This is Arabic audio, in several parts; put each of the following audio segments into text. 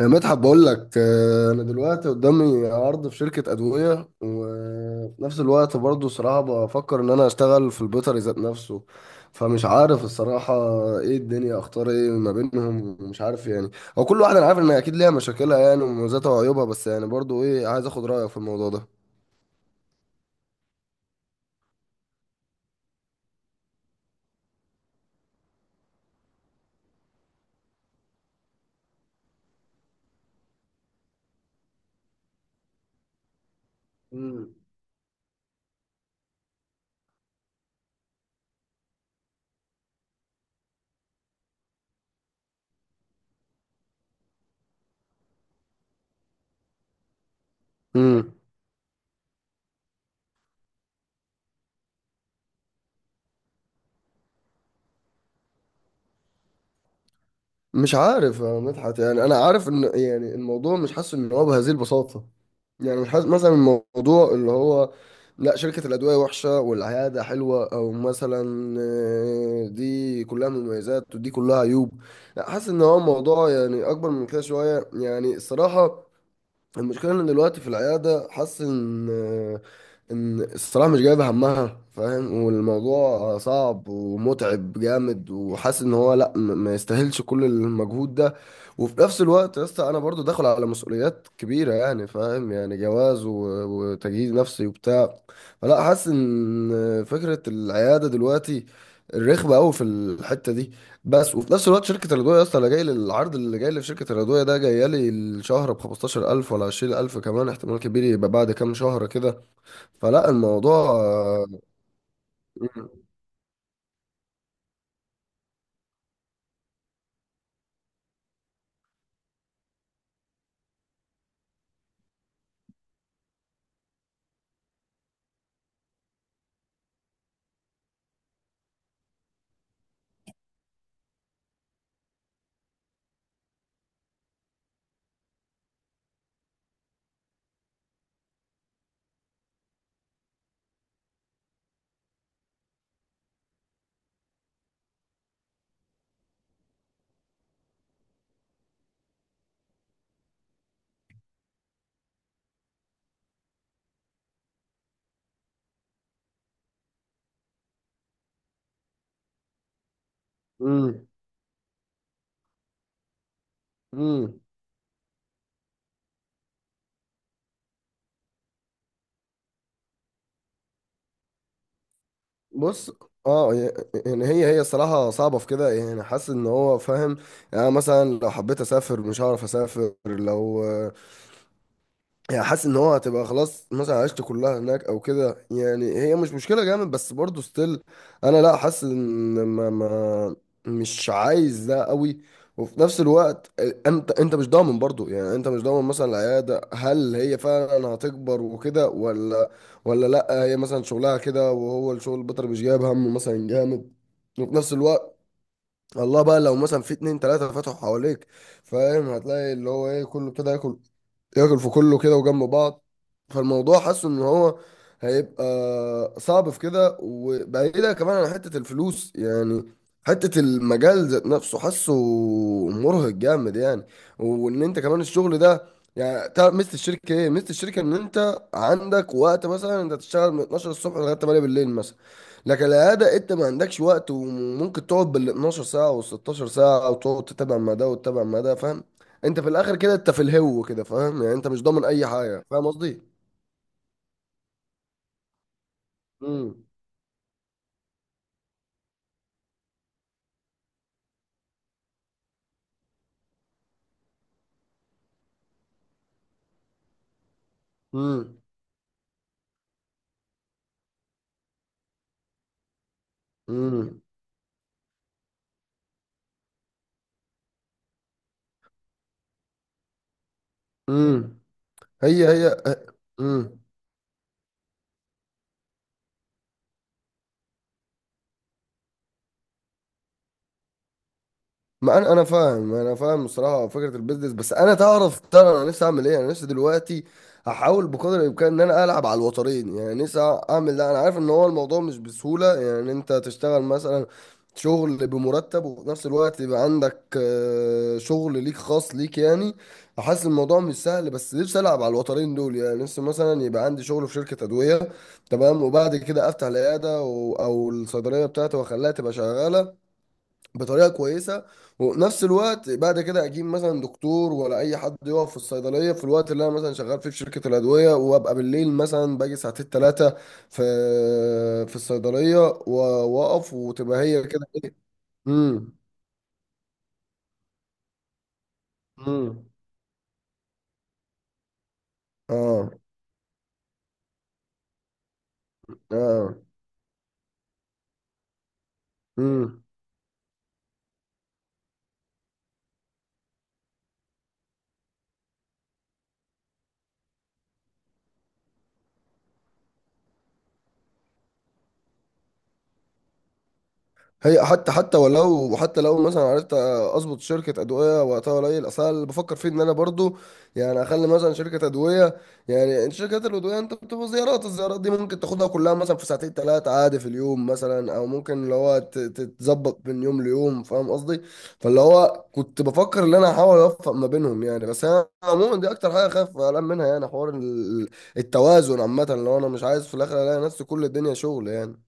يا مدحت بقول لك انا دلوقتي قدامي عرض في شركه ادويه، وفي نفس الوقت برضو صراحه بفكر ان انا اشتغل في البيطري ذات نفسه. فمش عارف الصراحه ايه الدنيا، اختار ايه ما بينهم ومش عارف. يعني هو كل واحد انا عارف ان اكيد ليها مشاكلها، يعني ومميزاتها وعيوبها، بس يعني برضو ايه، عايز اخد رايك في الموضوع ده. مم. امم مش عارف يا مدحت، يعني انا عارف ان يعني الموضوع مش حاسس ان هو بهذه البساطه. يعني مثلا الموضوع اللي هو، لا شركة الأدوية وحشة والعيادة حلوة، أو مثلا دي كلها مميزات ودي كلها عيوب. لا، حاسس إن هو الموضوع يعني أكبر من كده شوية، يعني الصراحة. المشكلة ان دلوقتي في العيادة، حاسس ان الصراحة مش جايبة همها، فاهم؟ والموضوع صعب ومتعب جامد، وحاسس ان هو لا م- ما يستاهلش كل المجهود ده. وفي نفس الوقت يا اسطى، انا برضو داخل على مسؤوليات كبيرة، يعني فاهم يعني جواز وتجهيز نفسي وبتاع. فلا، حاسس ان فكرة العيادة دلوقتي رخمة قوي في الحتة دي. بس وفي نفس الوقت شركه الادويه يا اسطى، انا جاي للعرض اللي جاي لي في شركه الادويه ده، جايه لي الشهر ب 15000 ولا 20000، كمان احتمال كبير يبقى بعد كام شهر كده. فلا الموضوع مم. مم. بص، اه ي- يعني هي الصراحة صعبة في كده، يعني حاسس ان هو فاهم. يعني أنا مثلا لو حبيت اسافر مش هعرف اسافر. لو يعني حاسس ان هو هتبقى خلاص مثلا عشت كلها هناك او كده، يعني هي مش مشكله جامد، بس برضه ستيل انا لا، حاسس ان ما مش عايز ده قوي. وفي نفس الوقت انت مش ضامن برضه، يعني انت مش ضامن مثلا العياده هل هي فعلا هتكبر وكده، ولا ولا لا هي مثلا شغلها كده، وهو الشغل البيطري مش جايب همه مثلا جامد. وفي نفس الوقت الله، بقى لو مثلا في اتنين تلاته فتحوا حواليك، فاهم؟ هتلاقي اللي هو ايه، كله ابتدى ياكل، ياكل في كله كده وجنب بعض. فالموضوع حاسه ان هو هيبقى صعب في كده. وبعيدة كمان عن حتة الفلوس، يعني حتة المجال ذات نفسه حاسه مرهق جامد، يعني وان انت كمان الشغل ده. يعني تعرف ميزة الشركة ايه؟ ميزة الشركة ان انت عندك وقت، مثلا انت تشتغل من 12 الصبح لغاية 8 بالليل مثلا. لكن العيادة إيه؟ انت ما عندكش وقت، وممكن تقعد بال 12 ساعة وال 16 ساعة، وتقعد تتابع ما ده وتتابع ما ده، فاهم؟ انت في الاخر كده انت في الهو كده، فاهم؟ يعني انت مش ضامن اي حاجه، فاهم قصدي؟ امم امم امم امم. هي امم ما انا فاهم، انا فاهم الصراحه فكره البيزنس. بس انا تعرف ترى انا نفسي اعمل ايه؟ انا نفسي دلوقتي احاول بقدر الامكان ان انا العب على الوترين. يعني نفسي اعمل ده، انا عارف ان هو الموضوع مش بسهوله. يعني انت تشتغل مثلا شغل بمرتب، وفي نفس الوقت يبقى عندك شغل ليك خاص ليك، يعني حاسس الموضوع مش سهل. بس نفسي العب على الوترين دول، يعني نفسي مثلا يبقى عندي شغل في شركه ادويه تمام، وبعد كده افتح العياده او الصيدليه بتاعتي، واخليها تبقى شغاله بطريقه كويسه. ونفس الوقت بعد كده اجيب مثلا دكتور ولا اي حد يقف في الصيدليه في الوقت اللي انا مثلا شغال فيه في شركه الادويه، وابقى بالليل مثلا باجي ساعتين ثلاثه في في الصيدليه و- واقف، وتبقى هي كده ايه. امم امم. اه. اه. هي حتى ولو حتى لو مثلا عرفت اظبط شركه ادويه وقتها قليل، اصل أنا اللي بفكر فيه ان انا برضو يعني اخلي مثلا شركه ادويه، يعني انت شركات الادويه انت بتبقى زيارات، الزيارات دي ممكن تاخدها كلها مثلا في ساعتين ثلاثه عادي في اليوم مثلا، او ممكن اللي هو تتظبط من يوم ليوم، فاهم قصدي؟ فاللي هو كنت بفكر ان انا احاول اوفق ما بينهم، يعني بس انا عموما دي اكتر حاجه خايف قلقان منها، يعني حوار التوازن عامه. لو انا مش عايز في الاخر الاقي نفسي كل الدنيا شغل يعني.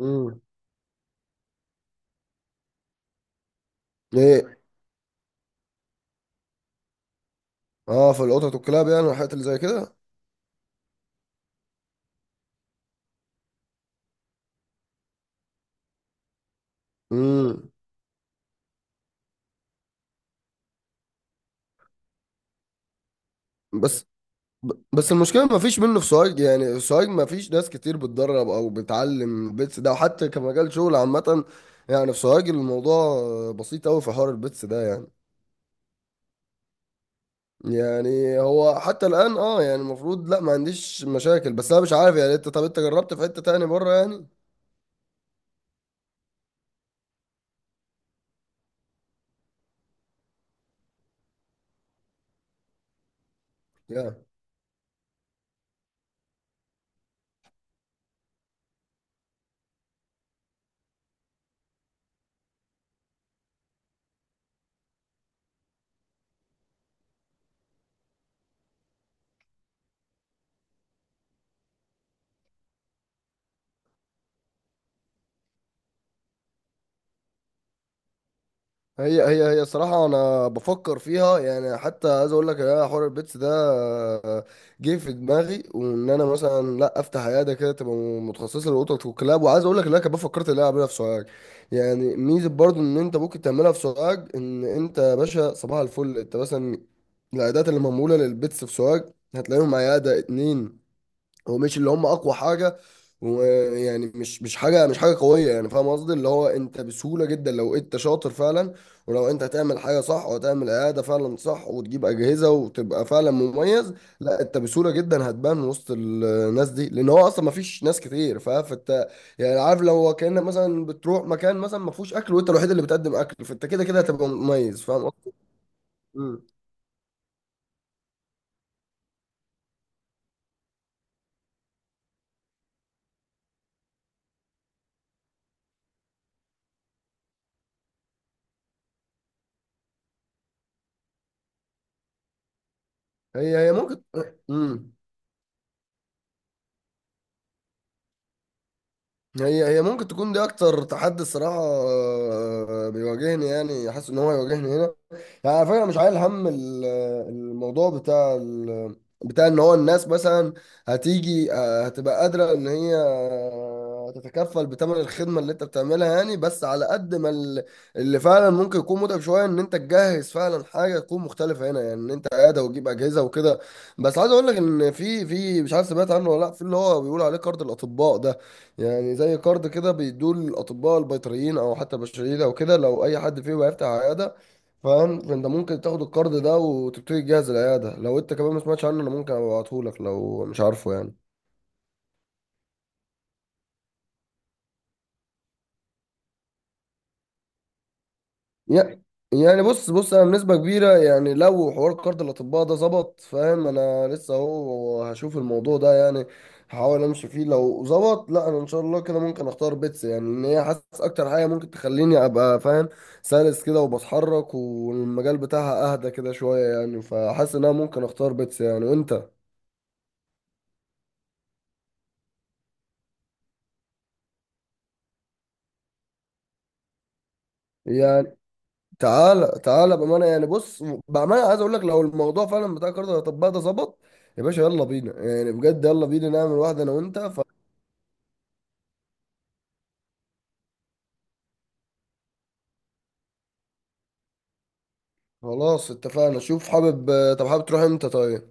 امم. ايه. اه، في القطط والكلاب يعني والحاجات اللي زي كده. امم. بس بس المشكله ما فيش منه في سوهاج، يعني في سوهاج ما فيش ناس كتير بتدرب او بتعلم البيتس ده، وحتى كمجال شغل عامه. يعني في سوهاج الموضوع بسيط قوي في حوار البيتس ده يعني. يعني هو حتى الان، اه يعني المفروض لا ما عنديش مشاكل. بس انا مش عارف، يعني انت طب انت جربت في حته تاني بره يعني؟ هي الصراحة أنا بفكر فيها. يعني حتى عايز أقول لك يا، حوار البيتس ده آه، جه في دماغي، وإن أنا مثلا لا أفتح عيادة كده تبقى متخصصة للقطط والكلاب. وعايز أقول لك إن أنا كمان فكرت إن أنا أعملها في سوهاج. يعني ميزة برضو إن أنت ممكن تعملها في سوهاج، إن أنت يا باشا صباح الفل، أنت مثلا العيادات اللي معمولة للبيتس في سوهاج هتلاقيهم عيادة اتنين. هو مش اللي هم اقوى حاجه، ويعني مش حاجه، مش حاجه قويه، يعني فاهم قصدي؟ اللي هو انت بسهوله جدا لو انت شاطر فعلا، ولو انت هتعمل حاجه صح، وهتعمل اعاده فعلا صح وتجيب اجهزه وتبقى فعلا مميز، لا انت بسهوله جدا هتبان وسط الناس دي، لان هو اصلا ما فيش ناس كتير، فاهم؟ فانت يعني عارف، لو هو كانك مثلا بتروح مكان مثلا ما فيهوش اكل وانت الوحيد اللي بتقدم اكل، فانت كده كده هتبقى مميز، فاهم قصدي؟ مم. هي ممكن. مم. هي ممكن تكون دي اكتر تحدي الصراحه بيواجهني، يعني حاسس ان هو يواجهني هنا. يعني على فكرة أنا مش عايل هم الموضوع بتاع بتاع ان هو الناس مثلا هتيجي هتبقى قادرة ان هي تتكفل بثمن الخدمة اللي انت بتعملها، يعني بس على قد ما اللي فعلا ممكن يكون متعب شوية، ان انت تجهز فعلا حاجة تكون مختلفة هنا، يعني ان انت قاعدة وتجيب اجهزة وكده. بس عايز اقول لك ان في مش عارف سمعت عنه ولا لا، في اللي هو بيقول عليه كارد الاطباء ده. يعني زي كارد كده بيدوه للاطباء البيطريين او حتى البشريين او كده، لو اي حد فيهم هيفتح عيادة، فاهم؟ فانت ممكن تاخد الكارد ده وتبتدي تجهز العياده. لو انت كمان ما سمعتش عنه انا ممكن ابعته لك لو مش عارفه يعني. يع- يعني بص انا بنسبه كبيره، يعني لو حوار كارد الاطباء ده ظبط، فاهم؟ انا لسه اهو هشوف الموضوع ده. يعني هحاول امشي فيه، لو ظبط لا انا ان شاء الله كده ممكن اختار بيتس. يعني ان هي حاسس اكتر حاجه ممكن تخليني ابقى فاهم، سلس كده وبتحرك، والمجال بتاعها اهدى كده شويه، يعني فحاسس ان انا ممكن اختار بيتس يعني. وانت يعني تعالى بامانه، يعني بص بامانه عايز اقول لك لو الموضوع فعلا بتاع كارت الاطباء ده ظبط، يا باشا يلا بينا. يعني بجد يلا بينا نعمل واحده انا وانت خلاص اتفقنا. شوف حابب، طب حابب تروح امتى طيب؟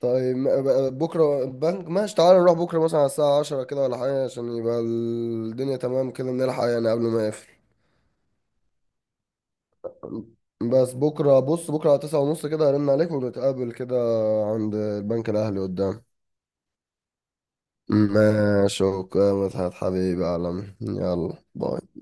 طيب بكره البنك ماشي، تعالى نروح بكره مثلا على الساعه 10 كده ولا حاجه، عشان يبقى الدنيا تمام كده نلحق يعني قبل ما يقفل. بس بكره، بص بكره على 9 ونص كده هرن عليك ونتقابل كده عند البنك الاهلي قدام. ماشي، اوكي يا مدحت حبيبي يا عالمي، يلا باي.